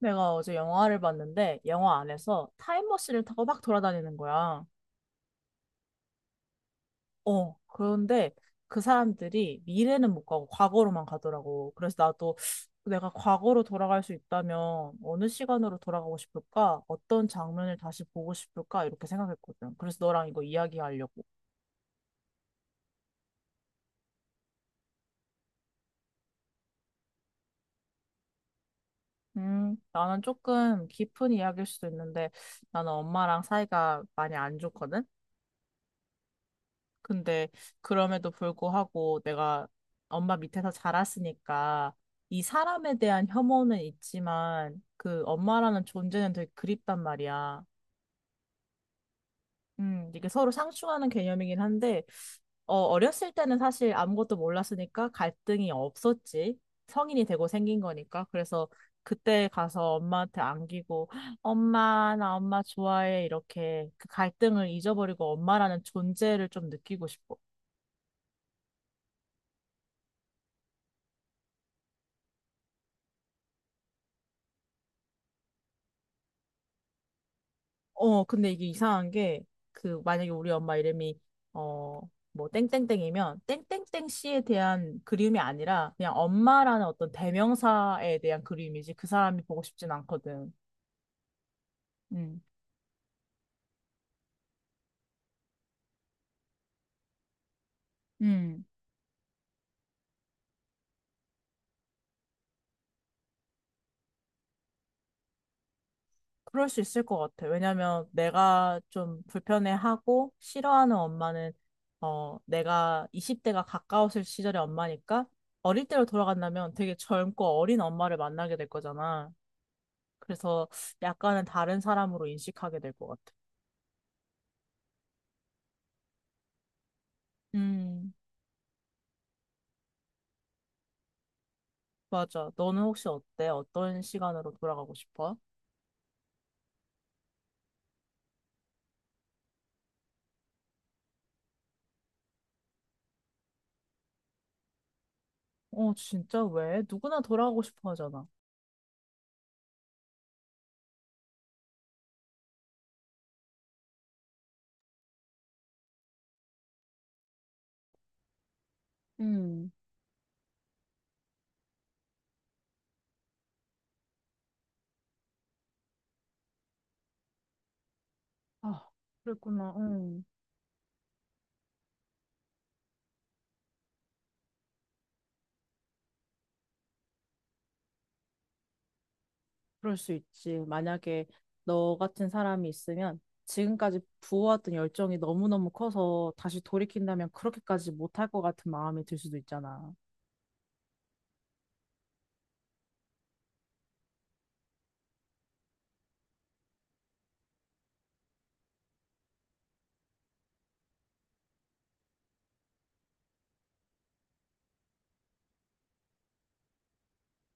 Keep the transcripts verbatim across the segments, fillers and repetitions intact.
내가 어제 영화를 봤는데 영화 안에서 타임머신을 타고 막 돌아다니는 거야. 어, 그런데 그 사람들이 미래는 못 가고 과거로만 가더라고. 그래서 나도 내가 과거로 돌아갈 수 있다면 어느 시간으로 돌아가고 싶을까? 어떤 장면을 다시 보고 싶을까? 이렇게 생각했거든. 그래서 너랑 이거 이야기하려고. 음, 나는 조금 깊은 이야기일 수도 있는데 나는 엄마랑 사이가 많이 안 좋거든. 근데 그럼에도 불구하고 내가 엄마 밑에서 자랐으니까 이 사람에 대한 혐오는 있지만 그 엄마라는 존재는 되게 그립단 말이야. 음, 이게 서로 상충하는 개념이긴 한데, 어, 어렸을 때는 사실 아무것도 몰랐으니까 갈등이 없었지. 성인이 되고 생긴 거니까. 그래서 그때 가서 엄마한테 안기고, 엄마, 나 엄마 좋아해. 이렇게 그 갈등을 잊어버리고 엄마라는 존재를 좀 느끼고 싶어. 어, 근데 이게 이상한 게, 그, 만약에 우리 엄마 이름이, 어, 뭐, 땡땡땡이면, 땡땡땡 씨에 대한 그리움이 아니라, 그냥 엄마라는 어떤 대명사에 대한 그리움이지, 그 사람이 보고 싶진 않거든. 음, 음, 그럴 수 있을 것 같아. 왜냐면, 내가 좀 불편해하고, 싫어하는 엄마는, 어, 내가 이십 대가 가까웠을 시절의 엄마니까, 어릴 때로 돌아간다면 되게 젊고 어린 엄마를 만나게 될 거잖아. 그래서 약간은 다른 사람으로 인식하게 될 것 같아. 음, 맞아. 너는 혹시 어때? 어떤 시간으로 돌아가고 싶어? 어, 진짜 왜? 누구나 돌아가고 싶어 하잖아. 음, 아, 그랬구나. 음, 그럴 수 있지. 만약에 너 같은 사람이 있으면 지금까지 부어왔던 열정이 너무너무 커서 다시 돌이킨다면 그렇게까지 못할 것 같은 마음이 들 수도 있잖아.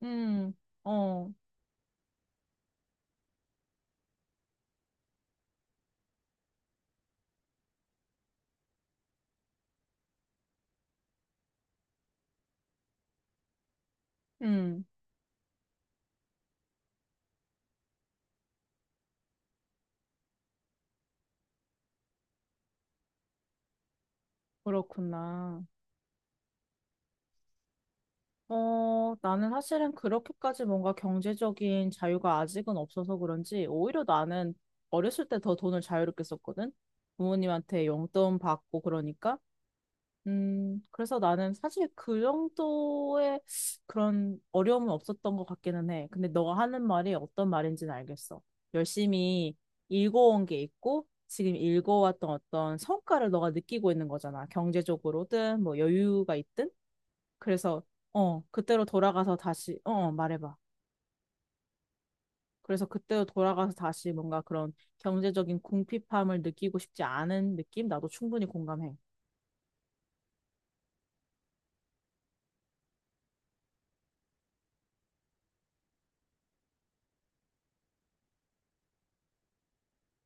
음, 어, 음, 그렇구나. 어, 나는 사실은 그렇게까지 뭔가 경제적인 자유가 아직은 없어서 그런지 오히려 나는 어렸을 때 더 돈을 자유롭게 썼거든. 부모님한테 용돈 받고 그러니까. 음, 그래서 나는 사실 그 정도의 그런 어려움은 없었던 것 같기는 해. 근데 너가 하는 말이 어떤 말인지는 알겠어. 열심히 읽어온 게 있고 지금 읽어왔던 어떤 성과를 너가 느끼고 있는 거잖아. 경제적으로든 뭐 여유가 있든. 그래서 어 그때로 돌아가서 다시 어 어, 말해봐. 그래서 그때로 돌아가서 다시 뭔가 그런 경제적인 궁핍함을 느끼고 싶지 않은 느낌 나도 충분히 공감해.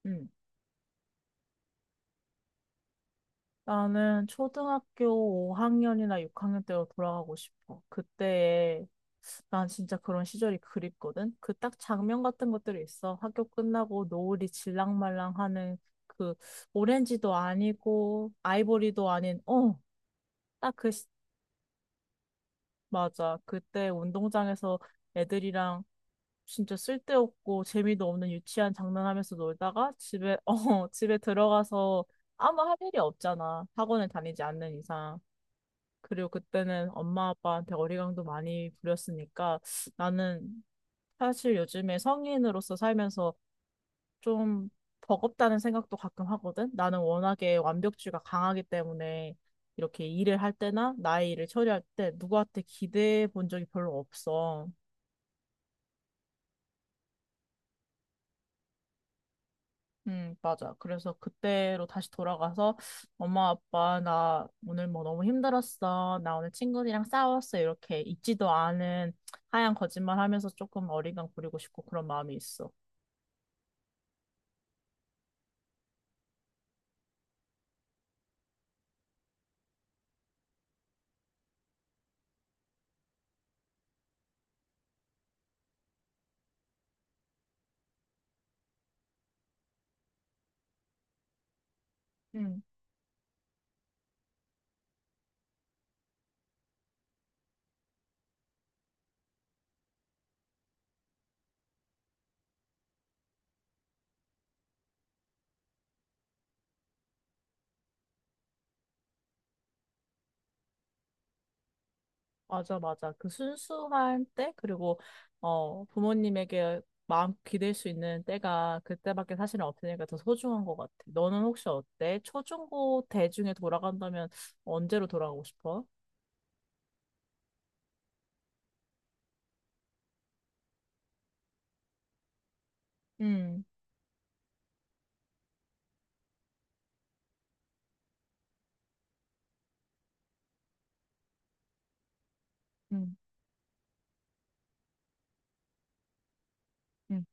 음. 나는 초등학교 오 학년이나 육 학년 때로 돌아가고 싶어. 그때에 난 진짜 그런 시절이 그립거든. 그 딱 장면 같은 것들이 있어. 학교 끝나고 노을이 질랑말랑하는 그 오렌지도 아니고 아이보리도 아닌 어, 딱그 맞아. 그때 운동장에서 애들이랑 진짜 쓸데없고 재미도 없는 유치한 장난하면서 놀다가 집에, 어, 집에 들어가서 아무 할 일이 없잖아. 학원을 다니지 않는 이상. 그리고 그때는 엄마 아빠한테 어리광도 많이 부렸으니까 나는 사실 요즘에 성인으로서 살면서 좀 버겁다는 생각도 가끔 하거든. 나는 워낙에 완벽주의가 강하기 때문에 이렇게 일을 할 때나 나의 일을 처리할 때 누구한테 기대해 본 적이 별로 없어. 음, 맞아. 그래서 그때로 다시 돌아가서 엄마, 아빠, 나 오늘 뭐 너무 힘들었어. 나 오늘 친구들이랑 싸웠어. 이렇게 있지도 않은 하얀 거짓말 하면서 조금 어리광 부리고 싶고 그런 마음이 있어. 음. 맞아, 맞아. 그 순수한 때, 그리고, 어, 부모님에게 마음 기댈 수 있는 때가 그때밖에 사실은 없으니까 더 소중한 것 같아. 너는 혹시 어때? 초중고 대중에 돌아간다면 언제로 돌아가고 싶어? 음, 음, 음.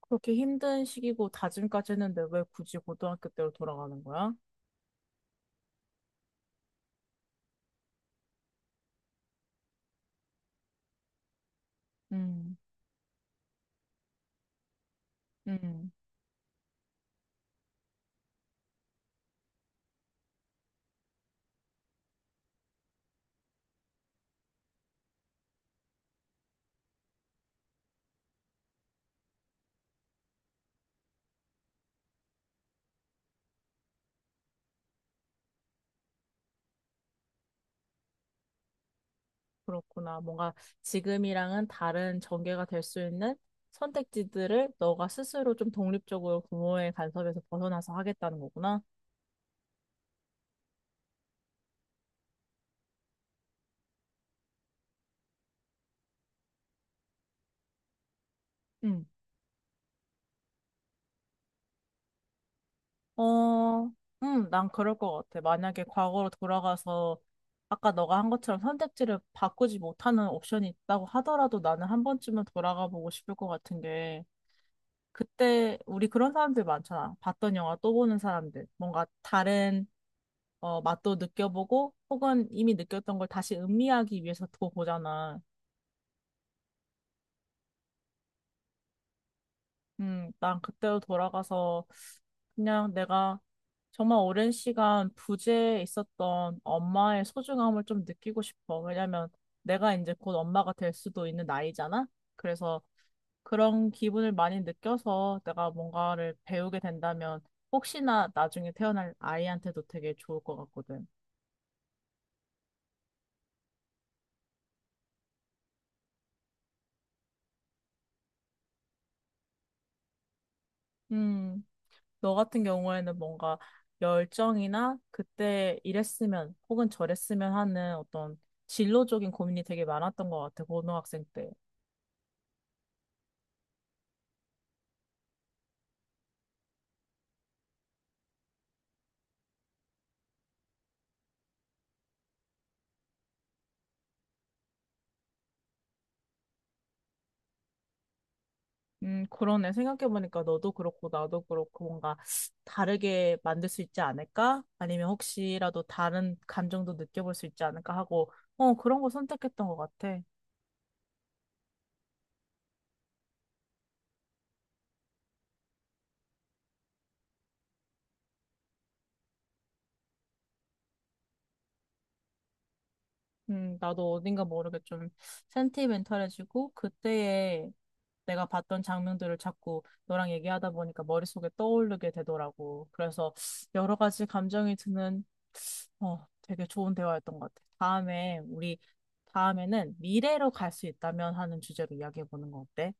그렇게 힘든 시기고 다짐까지 했는데 왜 굳이 고등학교 때로 돌아가는 거야? 음, 음. 그렇구나. 뭔가 지금이랑은 다른 전개가 될 수 있는 선택지들을 너가 스스로 좀 독립적으로 부모의 간섭에서 벗어나서 하겠다는 거구나. 응. 어, 음, 난 그럴 것 같아. 만약에 과거로 돌아가서 아까 너가 한 것처럼 선택지를 바꾸지 못하는 옵션이 있다고 하더라도 나는 한 번쯤은 돌아가 보고 싶을 것 같은 게 그때 우리 그런 사람들 많잖아. 봤던 영화 또 보는 사람들. 뭔가 다른 어, 맛도 느껴보고 혹은 이미 느꼈던 걸 다시 음미하기 위해서 더 보잖아. 음, 난 그때로 돌아가서 그냥 내가 정말 오랜 시간 부재에 있었던 엄마의 소중함을 좀 느끼고 싶어. 왜냐면 내가 이제 곧 엄마가 될 수도 있는 나이잖아. 그래서 그런 기분을 많이 느껴서 내가 뭔가를 배우게 된다면 혹시나 나중에 태어날 아이한테도 되게 좋을 것 같거든. 음. 너 같은 경우에는 뭔가 열정이나 그때 이랬으면 혹은 저랬으면 하는 어떤 진로적인 고민이 되게 많았던 것 같아, 고등학생 때. 음, 그러네. 생각해보니까 너도 그렇고 나도 그렇고 뭔가 다르게 만들 수 있지 않을까? 아니면 혹시라도 다른 감정도 느껴볼 수 있지 않을까 하고, 어, 그런 거 선택했던 것 같아. 음, 나도 어딘가 모르게 좀 센티멘탈해지고 그때의 내가 봤던 장면들을 자꾸 너랑 얘기하다 보니까 머릿속에 떠오르게 되더라고. 그래서 여러 가지 감정이 드는 어, 되게 좋은 대화였던 것 같아. 다음에 우리 다음에는 미래로 갈 수 있다면 하는 주제로 이야기해 보는 거 어때?